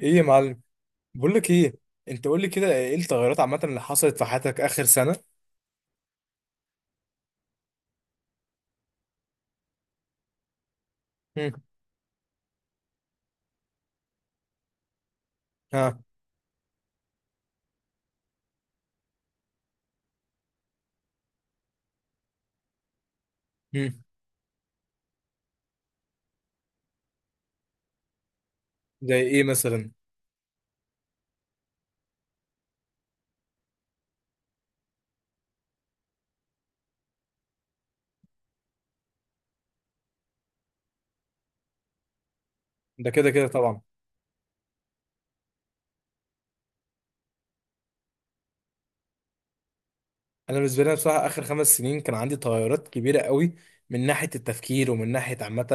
ايه يا معلم، بقول لك ايه؟ انت قول لي كده، ايه التغيرات عامه اللي حصلت في حياتك اخر سنه؟ مم. ها؟ مم. زي ايه مثلا؟ ده كده كده طبعا. انا بالنسبه لي بصراحه اخر 5 سنين كان عندي تغيرات كبيره قوي من ناحيه التفكير ومن ناحيه عامه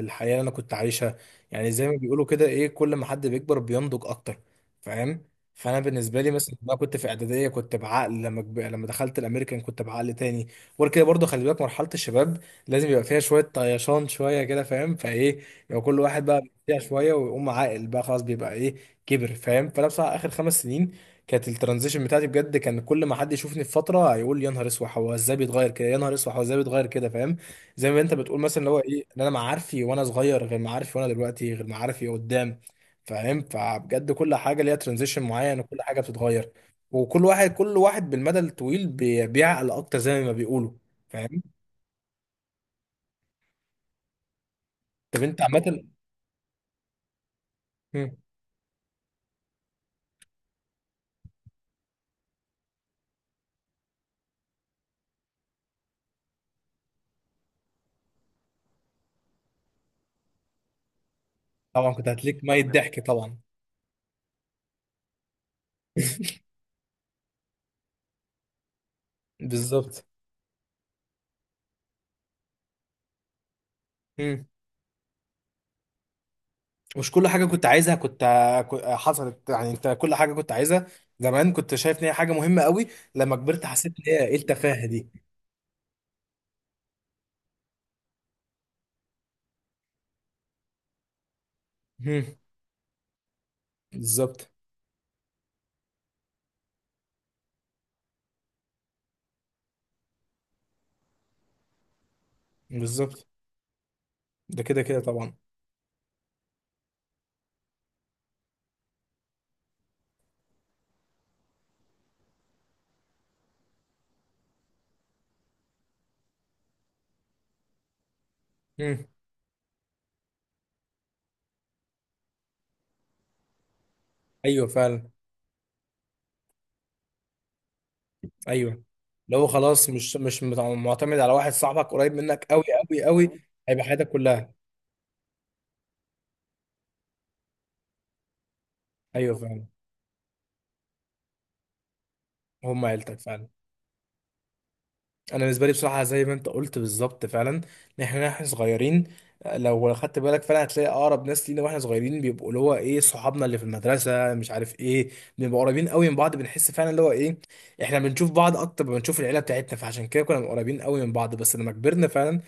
الحياه اللي انا كنت عايشها. يعني زي ما بيقولوا كده ايه، كل ما حد بيكبر بينضج اكتر. فاهم؟ فانا بالنسبه لي مثلا لما كنت في اعداديه كنت بعقل، لما دخلت الامريكان كنت بعقل تاني. وغير كده برضه خلي بالك مرحله الشباب لازم يبقى فيها شويه طيشان شويه كده، فاهم فايه؟ يبقى كل واحد بقى فيها شويه، ويقوم عاقل بقى خلاص بيبقى ايه، كبر. فاهم؟ فانا بصراحه اخر 5 سنين كانت الترانزيشن بتاعتي بجد. كان كل ما حد يشوفني في فتره هيقول يا نهار اسود هو ازاي بيتغير كده، يا نهار اسود هو ازاي بيتغير كده. فاهم؟ زي ما انت بتقول مثلا اللي هو ايه، ان انا معارفي وانا صغير غير معارفي، وانا دلوقتي غير معارفي قدام. فاهم؟ فبجد كل حاجه ليها ترانزيشن معين، وكل حاجه بتتغير. وكل واحد كل واحد بالمدى الطويل بيعقل اكتر زي ما بيقولوا. فاهم؟ طب انت عامه؟ مم. طبعا كنت هتليك ميت ضحك طبعا. بالظبط. مش كل حاجة كنت عايزها حصلت، يعني انت كل حاجة كنت عايزها زمان كنت شايف ان هي حاجة مهمة قوي، لما كبرت حسيت ان هي ايه التفاهة دي. مم. بالظبط، بالظبط. ده كده كده طبعا. مم. ايوه فعلا. ايوه. لو خلاص مش مش مت- معتمد على واحد صاحبك قريب منك قوي، قوي قوي، هيبقى حياتك كلها. ايوه فعلا. هم عيلتك فعلا. انا بالنسبه لي بصراحه زي ما انت قلت بالظبط فعلا، ان احنا صغيرين لو خدت بالك فعلا هتلاقي اقرب ناس لينا واحنا صغيرين بيبقوا اللي هو ايه، صحابنا اللي في المدرسه مش عارف ايه. بنبقى قريبين قوي من بعض، بنحس فعلا اللي هو ايه احنا بنشوف بعض اكتر ما بنشوف العيله بتاعتنا، فعشان كده كنا قريبين قوي من بعض. بس لما كبرنا فعلا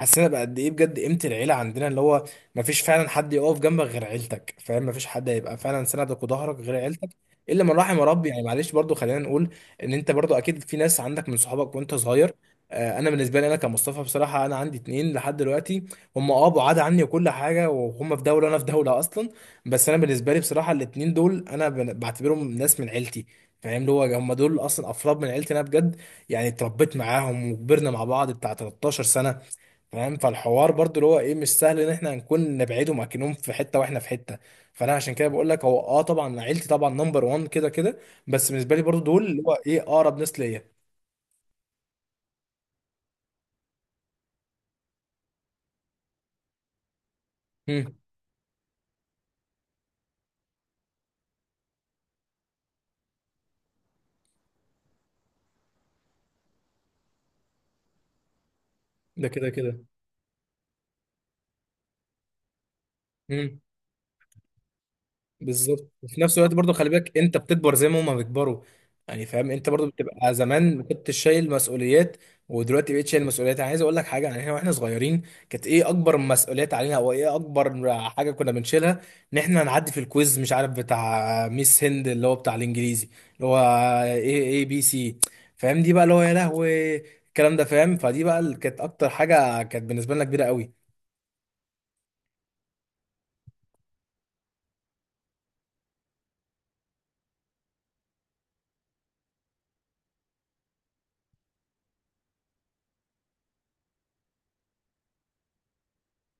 حسينا بقى قد ايه بجد قيمه العيله عندنا، اللي هو ما فيش فعلا حد يقف جنبك غير عيلتك. فاهم؟ ما فيش حد هيبقى فعلا سندك وظهرك غير عيلتك، الا من رحم ربي يعني. معلش برضو خلينا نقول ان انت برضو اكيد في ناس عندك من صحابك وانت صغير. انا بالنسبه لي انا كمصطفى بصراحه انا عندي اتنين لحد دلوقتي. هم بعاد عني وكل حاجه، وهم في دوله وانا في دوله اصلا. بس انا بالنسبه لي بصراحه الاتنين دول انا بعتبرهم ناس من عيلتي. فاهم؟ اللي هو هم دول اصلا افراد من عيلتي انا بجد. يعني اتربيت معاهم وكبرنا مع بعض بتاع 13 سنه. فاهم؟ فالحوار برضو اللي هو ايه مش سهل ان احنا نكون نبعدهم اكنهم في حته واحنا في حته. فانا عشان كده بقول لك هو طبعا عيلتي طبعا نمبر 1 كده كده، بس بالنسبه لي برضو دول اللي هو ايه اقرب ناس ليا. مم. ده كده كده. مم. بالظبط. وفي نفس الوقت برضو خلي بالك انت بتكبر زي ما هما بيكبروا. يعني فاهم، انت برضو بتبقى زمان ما كنتش شايل مسؤوليات، ودلوقتي بقيت شايل مسؤوليات. انا عايز اقول لك حاجه، يعني احنا واحنا صغيرين كانت ايه اكبر مسؤوليات علينا؟ او ايه اكبر حاجه كنا بنشيلها؟ ان احنا نعدي في الكويز مش عارف بتاع ميس هند اللي هو بتاع الانجليزي، اللي هو ايه، ABC. فاهم؟ دي بقى اللي هو يا لهوي الكلام ده. فاهم؟ فدي بقى اللي كانت اكتر حاجه كانت بالنسبه لنا كبيره قوي.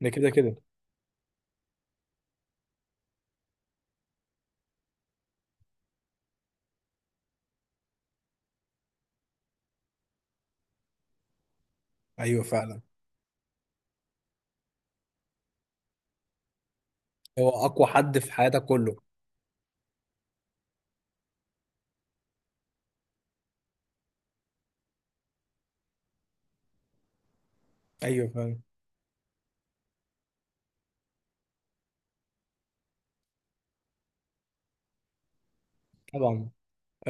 ده كده كده. ايوه فعلا. هو اقوى حد في حياتك كله. ايوه فعلا. طبعا.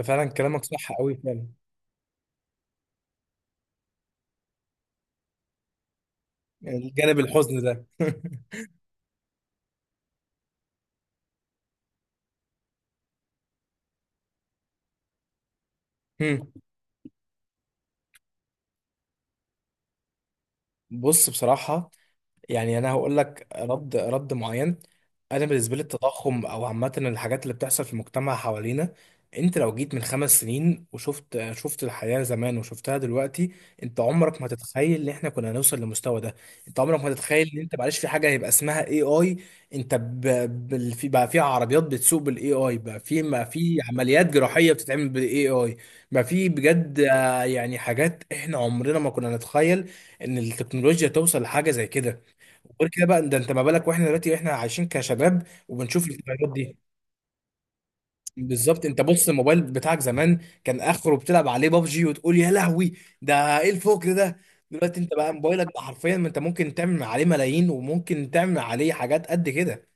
فعلا كلامك صح قوي فعلا. يعني الجانب الحزن ده هم. بص بصراحة، يعني انا هقول لك رد معين. انا بالنسبه لي التضخم او عامه الحاجات اللي بتحصل في المجتمع حوالينا، انت لو جيت من 5 سنين وشفت الحياه زمان وشفتها دلوقتي، انت عمرك ما تتخيل ان احنا كنا هنوصل للمستوى ده. انت عمرك ما تتخيل ان انت معلش في حاجه هيبقى اسمها اي اي. انت ب... في بقى في عربيات بتسوق بالاي اي، بقى في، ما في عمليات جراحيه بتتعمل بالاي اي، بقى في بجد يعني حاجات احنا عمرنا ما كنا نتخيل ان التكنولوجيا توصل لحاجه زي كده. غير كده بقى ده انت ما بالك واحنا دلوقتي احنا عايشين كشباب وبنشوف الفيديوهات دي. بالظبط. انت بص، الموبايل بتاعك زمان كان اخره بتلعب عليه بابجي وتقول يا لهوي ده ايه الفكر ده. دلوقتي انت بقى موبايلك بقى حرفيا، ما انت ممكن تعمل عليه ملايين، وممكن تعمل عليه حاجات قد كده.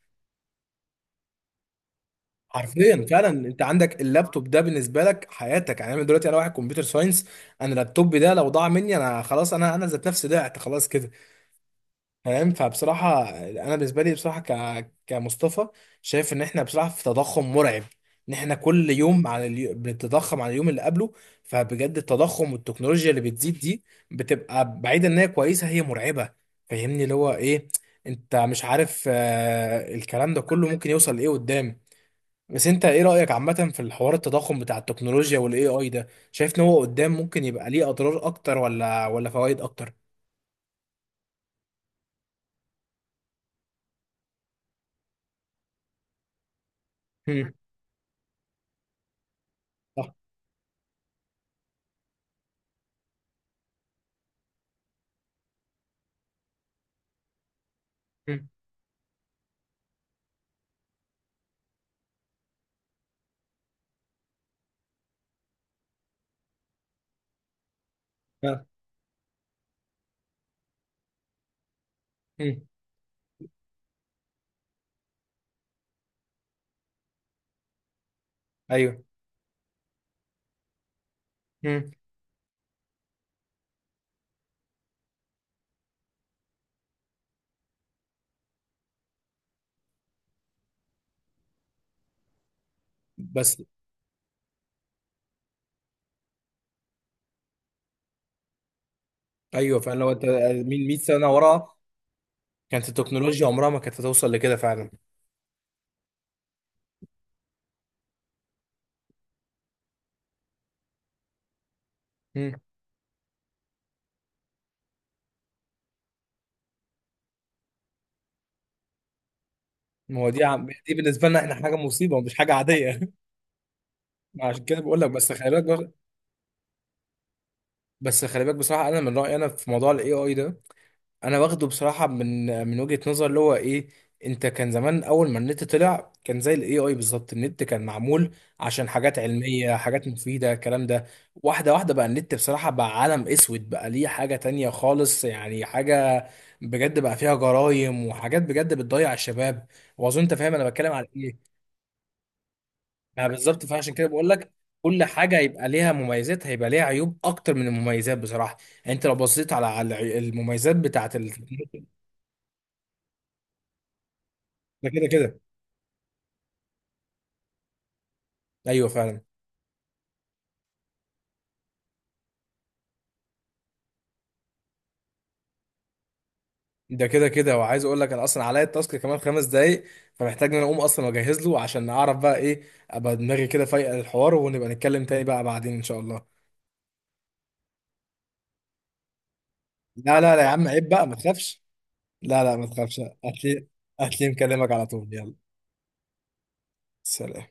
حرفيا فعلا. انت عندك اللابتوب ده بالنسبه لك حياتك، يعني انا دلوقتي انا واحد كمبيوتر ساينس، انا اللابتوب ده لو ضاع مني انا خلاص، انا ذات نفسي ضعت خلاص كده. فاهم؟ فبصراحة أنا بالنسبة لي بصراحة كمصطفى شايف إن إحنا بصراحة في تضخم مرعب، إن إحنا كل يوم بنتضخم على اليوم اللي قبله. فبجد التضخم والتكنولوجيا اللي بتزيد دي بتبقى بعيدة إن هي كويسة، هي مرعبة. فاهمني اللي هو إيه، أنت مش عارف الكلام ده كله ممكن يوصل لإيه قدام. بس أنت إيه رأيك عامة في الحوار التضخم بتاع التكنولوجيا وال AI ده؟ شايف إن هو قدام ممكن يبقى ليه أضرار أكتر ولا فوائد أكتر؟ هم. صح. هم. آه. هم. ايوه. مم. بس ايوه فعلا. لو انت مين 100 سنه ورا كانت التكنولوجيا عمرها ما كانت هتوصل لكده فعلا. مم. ما هو دي دي بالنسبه لنا احنا حاجه مصيبه ومش حاجه عاديه عشان كده بقول لك بس خلي بالك بس خلي بالك بصراحه انا من رايي انا في موضوع الاي اي ده. انا واخده بصراحه من وجهه نظر اللي هو ايه، انت كان زمان اول ما النت طلع كان زي الاي اي بالظبط. النت كان معمول عشان حاجات علميه، حاجات مفيده، الكلام ده. واحده واحده بقى النت بصراحه بقى عالم اسود، بقى ليه حاجه تانية خالص. يعني حاجه بجد بقى فيها جرايم، وحاجات بجد بتضيع الشباب، واظن انت فاهم انا بتكلم على ايه. ما بالظبط، فعشان كده بقول لك كل حاجه هيبقى ليها مميزات، هيبقى ليها عيوب اكتر من المميزات بصراحه. يعني انت لو بصيت على المميزات بتاعت ده كده كده. ايوه فعلا. ده كده كده، وعايز اقول لك انا اصلا عليا التاسك كمان 5 دقايق، فمحتاج ان انا اقوم اصلا واجهز له عشان اعرف بقى ايه، ابقى دماغي كده فايقه للحوار ونبقى نتكلم تاني بقى بعدين ان شاء الله. لا لا لا يا عم عيب بقى، ما تخافش. لا لا ما تخافش، هتلاقي. هتلاقي مكلمك على طول، يلا. سلام.